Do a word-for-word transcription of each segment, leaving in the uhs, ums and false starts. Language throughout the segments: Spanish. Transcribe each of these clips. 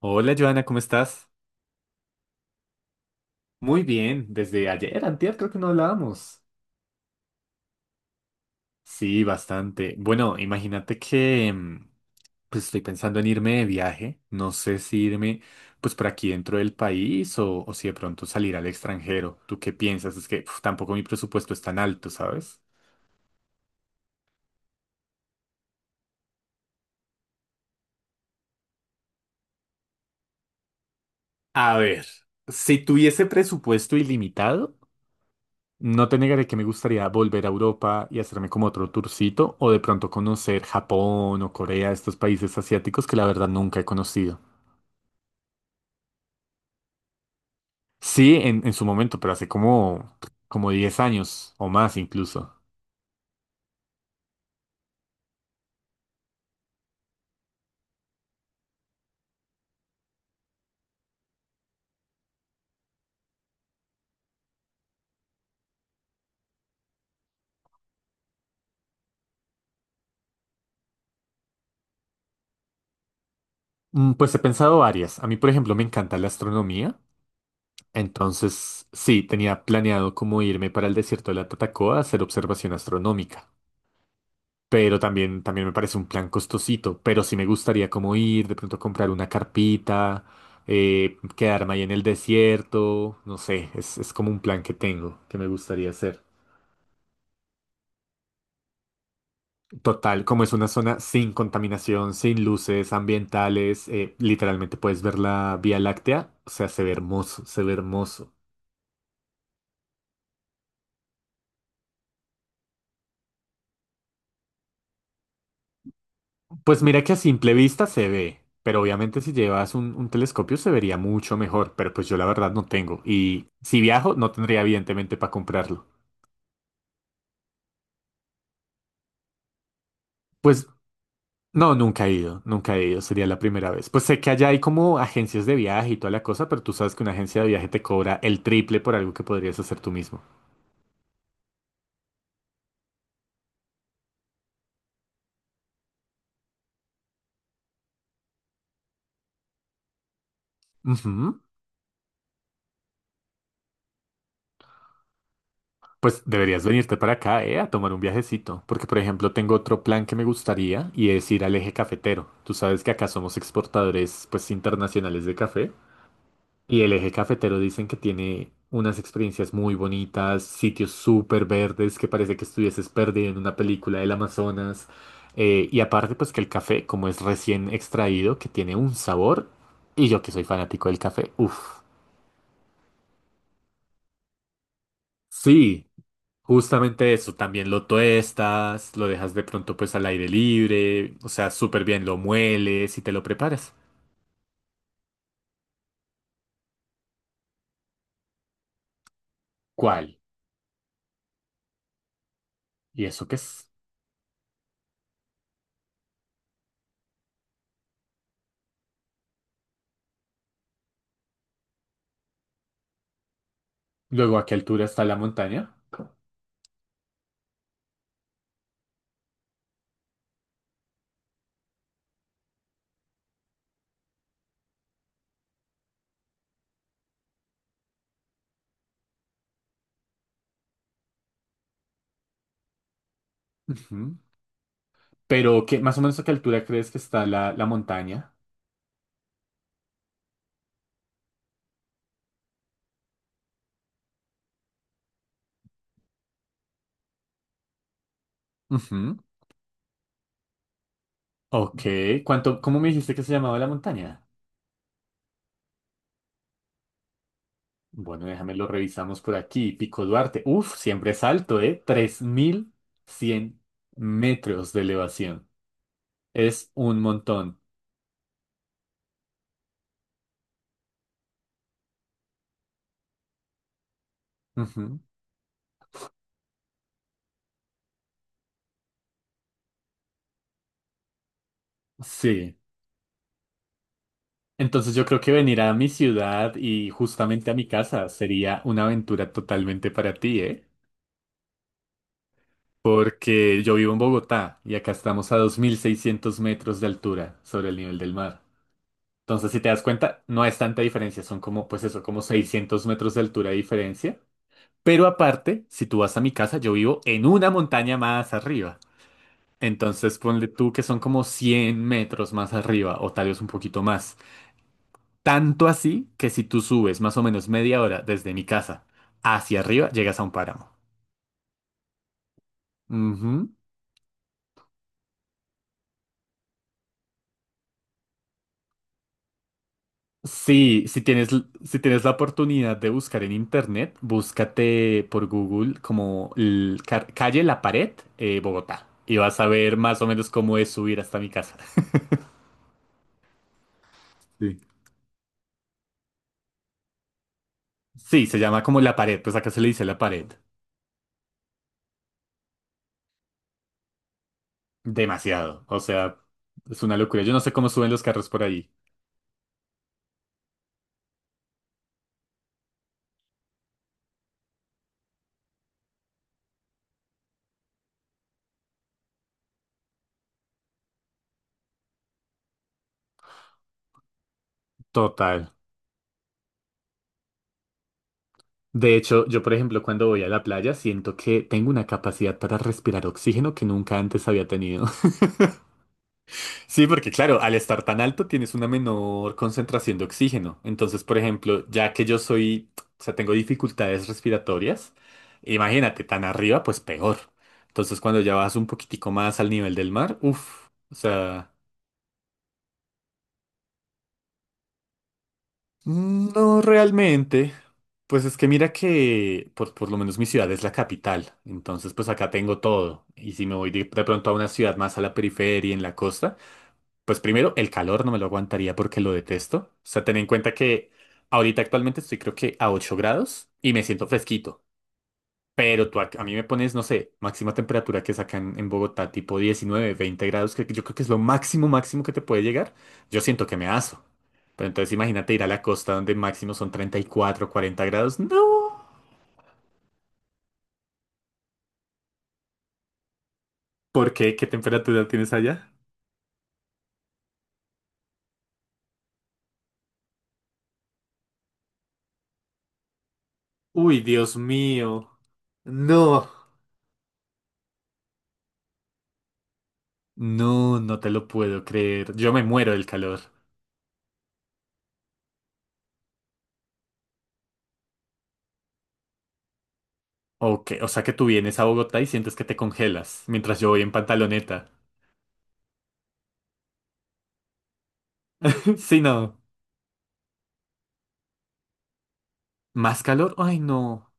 Hola, Joana, ¿cómo estás? Muy bien, desde ayer, antier creo que no hablábamos. Sí, bastante. Bueno, imagínate que mm, pues estoy pensando en irme de viaje. No sé si irme pues por aquí dentro del país o, o si de pronto salir al extranjero. ¿Tú qué piensas? Es que uf, tampoco mi presupuesto es tan alto, ¿sabes? A ver, si tuviese presupuesto ilimitado, no te negaré que me gustaría volver a Europa y hacerme como otro tourcito o de pronto conocer Japón o Corea, estos países asiáticos que la verdad nunca he conocido. Sí, en, en su momento, pero hace como, como diez años o más incluso. Mm, Pues he pensado varias. A mí, por ejemplo, me encanta la astronomía. Entonces, sí, tenía planeado como irme para el desierto de la Tatacoa a hacer observación astronómica. Pero también, también me parece un plan costosito. Pero sí me gustaría como ir, de pronto comprar una carpita, eh, quedarme ahí en el desierto. No sé, es, es como un plan que tengo, que me gustaría hacer. Total, como es una zona sin contaminación, sin luces ambientales, eh, literalmente puedes ver la Vía Láctea. O sea, se ve hermoso, se ve hermoso. Pues mira que a simple vista se ve, pero obviamente si llevas un, un telescopio se vería mucho mejor, pero pues yo la verdad no tengo. Y si viajo, no tendría evidentemente para comprarlo. Pues no, nunca he ido, nunca he ido, sería la primera vez. Pues sé que allá hay como agencias de viaje y toda la cosa, pero tú sabes que una agencia de viaje te cobra el triple por algo que podrías hacer tú mismo. Ujú. Pues deberías venirte para acá, eh, a tomar un viajecito, porque por ejemplo tengo otro plan que me gustaría y es ir al eje cafetero. Tú sabes que acá somos exportadores pues internacionales de café. Y el eje cafetero dicen que tiene unas experiencias muy bonitas, sitios súper verdes que parece que estuvieses perdido en una película del Amazonas. Eh, y aparte, pues que el café, como es recién extraído, que tiene un sabor. Y yo que soy fanático del café, uff. Sí, justamente eso. También lo tuestas, lo dejas de pronto pues al aire libre. O sea, súper bien lo mueles y te lo preparas. ¿Cuál? ¿Y eso qué es? Luego, ¿a qué altura está la montaña? Ujú. Pero, ¿qué, más o menos a qué altura crees que está la, la montaña? Ujú. Ok. ¿Cuánto, cómo me dijiste que se llamaba la montaña? Bueno, déjame lo revisamos por aquí. Pico Duarte. Uf, siempre es alto, ¿eh? Tres mil cien metros de elevación. Es un montón. Ujú. Sí. Entonces yo creo que venir a mi ciudad y justamente a mi casa sería una aventura totalmente para ti, ¿eh? Porque yo vivo en Bogotá y acá estamos a dos mil seiscientos metros de altura sobre el nivel del mar. Entonces, si te das cuenta, no es tanta diferencia, son como, pues eso, como seiscientos metros de altura de diferencia. Pero aparte, si tú vas a mi casa, yo vivo en una montaña más arriba. Entonces, ponle tú que son como cien metros más arriba, o tal vez un poquito más. Tanto así que si tú subes más o menos media hora desde mi casa hacia arriba, llegas a un páramo. Ujú. Sí, si tienes, si tienes la oportunidad de buscar en internet, búscate por Google como l- ca- calle La Pared, eh, Bogotá. Y vas a ver más o menos cómo es subir hasta mi casa. Sí. Sí, se llama como La Pared, pues acá se le dice La Pared. Demasiado. O sea, es una locura. Yo no sé cómo suben los carros por ahí. Total. De hecho, yo por ejemplo cuando voy a la playa siento que tengo una capacidad para respirar oxígeno que nunca antes había tenido. Sí, porque claro, al estar tan alto tienes una menor concentración de oxígeno. Entonces, por ejemplo, ya que yo soy, o sea, tengo dificultades respiratorias, imagínate, tan arriba, pues peor. Entonces, cuando ya vas un poquitico más al nivel del mar, uff, o sea, no realmente. Pues es que mira que por, por lo menos mi ciudad es la capital, entonces pues acá tengo todo. Y si me voy de, de pronto a una ciudad más a la periferia, en la costa, pues primero, el calor no me lo aguantaría porque lo detesto. O sea, ten en cuenta que ahorita actualmente estoy creo que a ocho grados y me siento fresquito. Pero tú a, a mí me pones, no sé, máxima temperatura que sacan en Bogotá, tipo diecinueve, veinte grados, que yo creo que es lo máximo, máximo que te puede llegar. Yo siento que me aso. Pero entonces imagínate ir a la costa donde máximo son treinta y cuatro, cuarenta grados. No. ¿Por qué? ¿Qué temperatura tienes allá? Uy, Dios mío. No. No, no te lo puedo creer. Yo me muero del calor. Ok, o sea que tú vienes a Bogotá y sientes que te congelas, mientras yo voy en pantaloneta. Sí, no. ¿Más calor? Ay, no.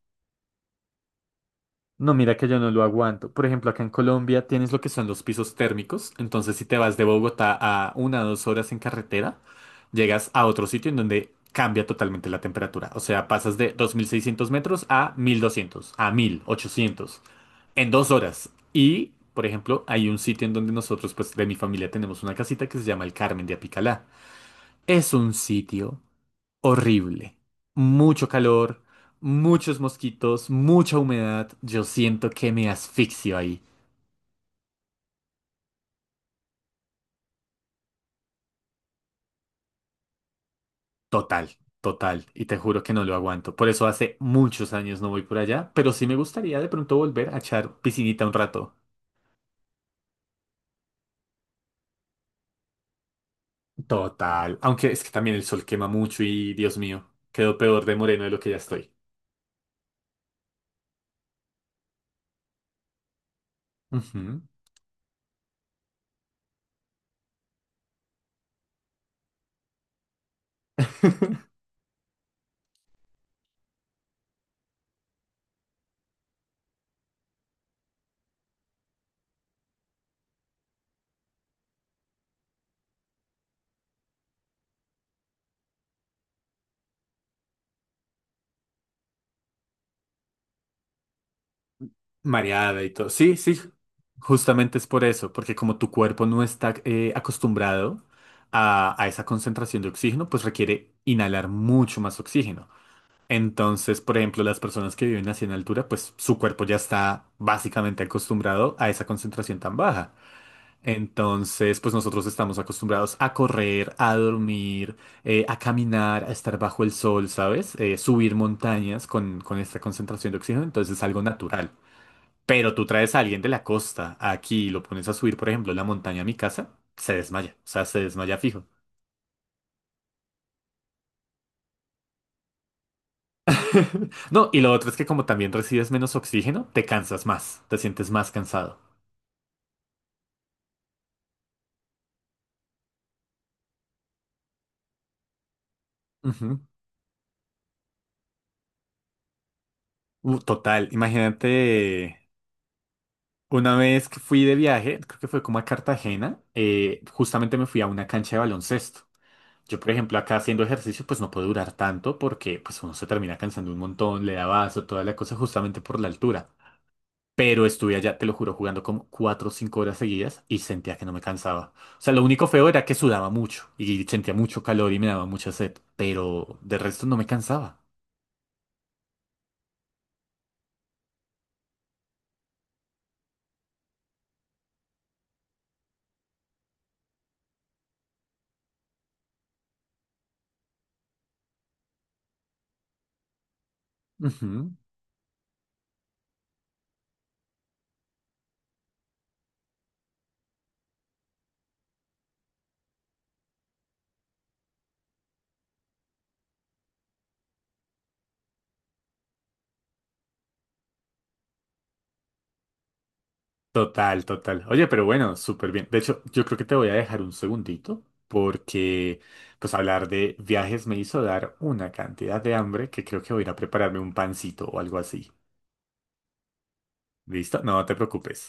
No, mira que yo no lo aguanto. Por ejemplo, acá en Colombia tienes lo que son los pisos térmicos. Entonces, si te vas de Bogotá a una o dos horas en carretera, llegas a otro sitio en donde cambia totalmente la temperatura. O sea, pasas de dos mil seiscientos metros a mil doscientos, a mil ochocientos en dos horas. Y, por ejemplo, hay un sitio en donde nosotros, pues, de mi familia tenemos una casita que se llama El Carmen de Apicalá. Es un sitio horrible. Mucho calor, muchos mosquitos, mucha humedad. Yo siento que me asfixio ahí. Total, total. Y te juro que no lo aguanto. Por eso hace muchos años no voy por allá, pero sí me gustaría de pronto volver a echar piscinita un rato. Total. Aunque es que también el sol quema mucho y, Dios mío, quedo peor de moreno de lo que ya estoy. Ujú. Mareada y todo. Sí, sí, justamente es por eso, porque como tu cuerpo no está eh, acostumbrado a, a esa concentración de oxígeno, pues requiere inhalar mucho más oxígeno. Entonces, por ejemplo, las personas que viven así en altura, pues su cuerpo ya está básicamente acostumbrado a esa concentración tan baja. Entonces, pues nosotros estamos acostumbrados a correr, a dormir, eh, a caminar, a estar bajo el sol, ¿sabes? Eh, subir montañas con, con esta concentración de oxígeno, entonces es algo natural. Pero tú traes a alguien de la costa aquí y lo pones a subir, por ejemplo, la montaña a mi casa, se desmaya. O sea, se desmaya fijo. No, y lo otro es que como también recibes menos oxígeno, te cansas más, te sientes más cansado. Ujú. Uh, total, imagínate una vez que fui de viaje, creo que fue como a Cartagena, eh, justamente me fui a una cancha de baloncesto. Yo, por ejemplo, acá haciendo ejercicio, pues no puedo durar tanto porque pues uno se termina cansando un montón, le da vaso, toda la cosa justamente por la altura. Pero estuve allá, te lo juro, jugando como cuatro o cinco horas seguidas y sentía que no me cansaba. O sea, lo único feo era que sudaba mucho y sentía mucho calor y me daba mucha sed, pero de resto no me cansaba. Ujú. Total, total. Oye, pero bueno, súper bien. De hecho, yo creo que te voy a dejar un segundito porque pues hablar de viajes me hizo dar una cantidad de hambre que creo que voy a ir a prepararme un pancito o algo así. ¿Listo? No te preocupes.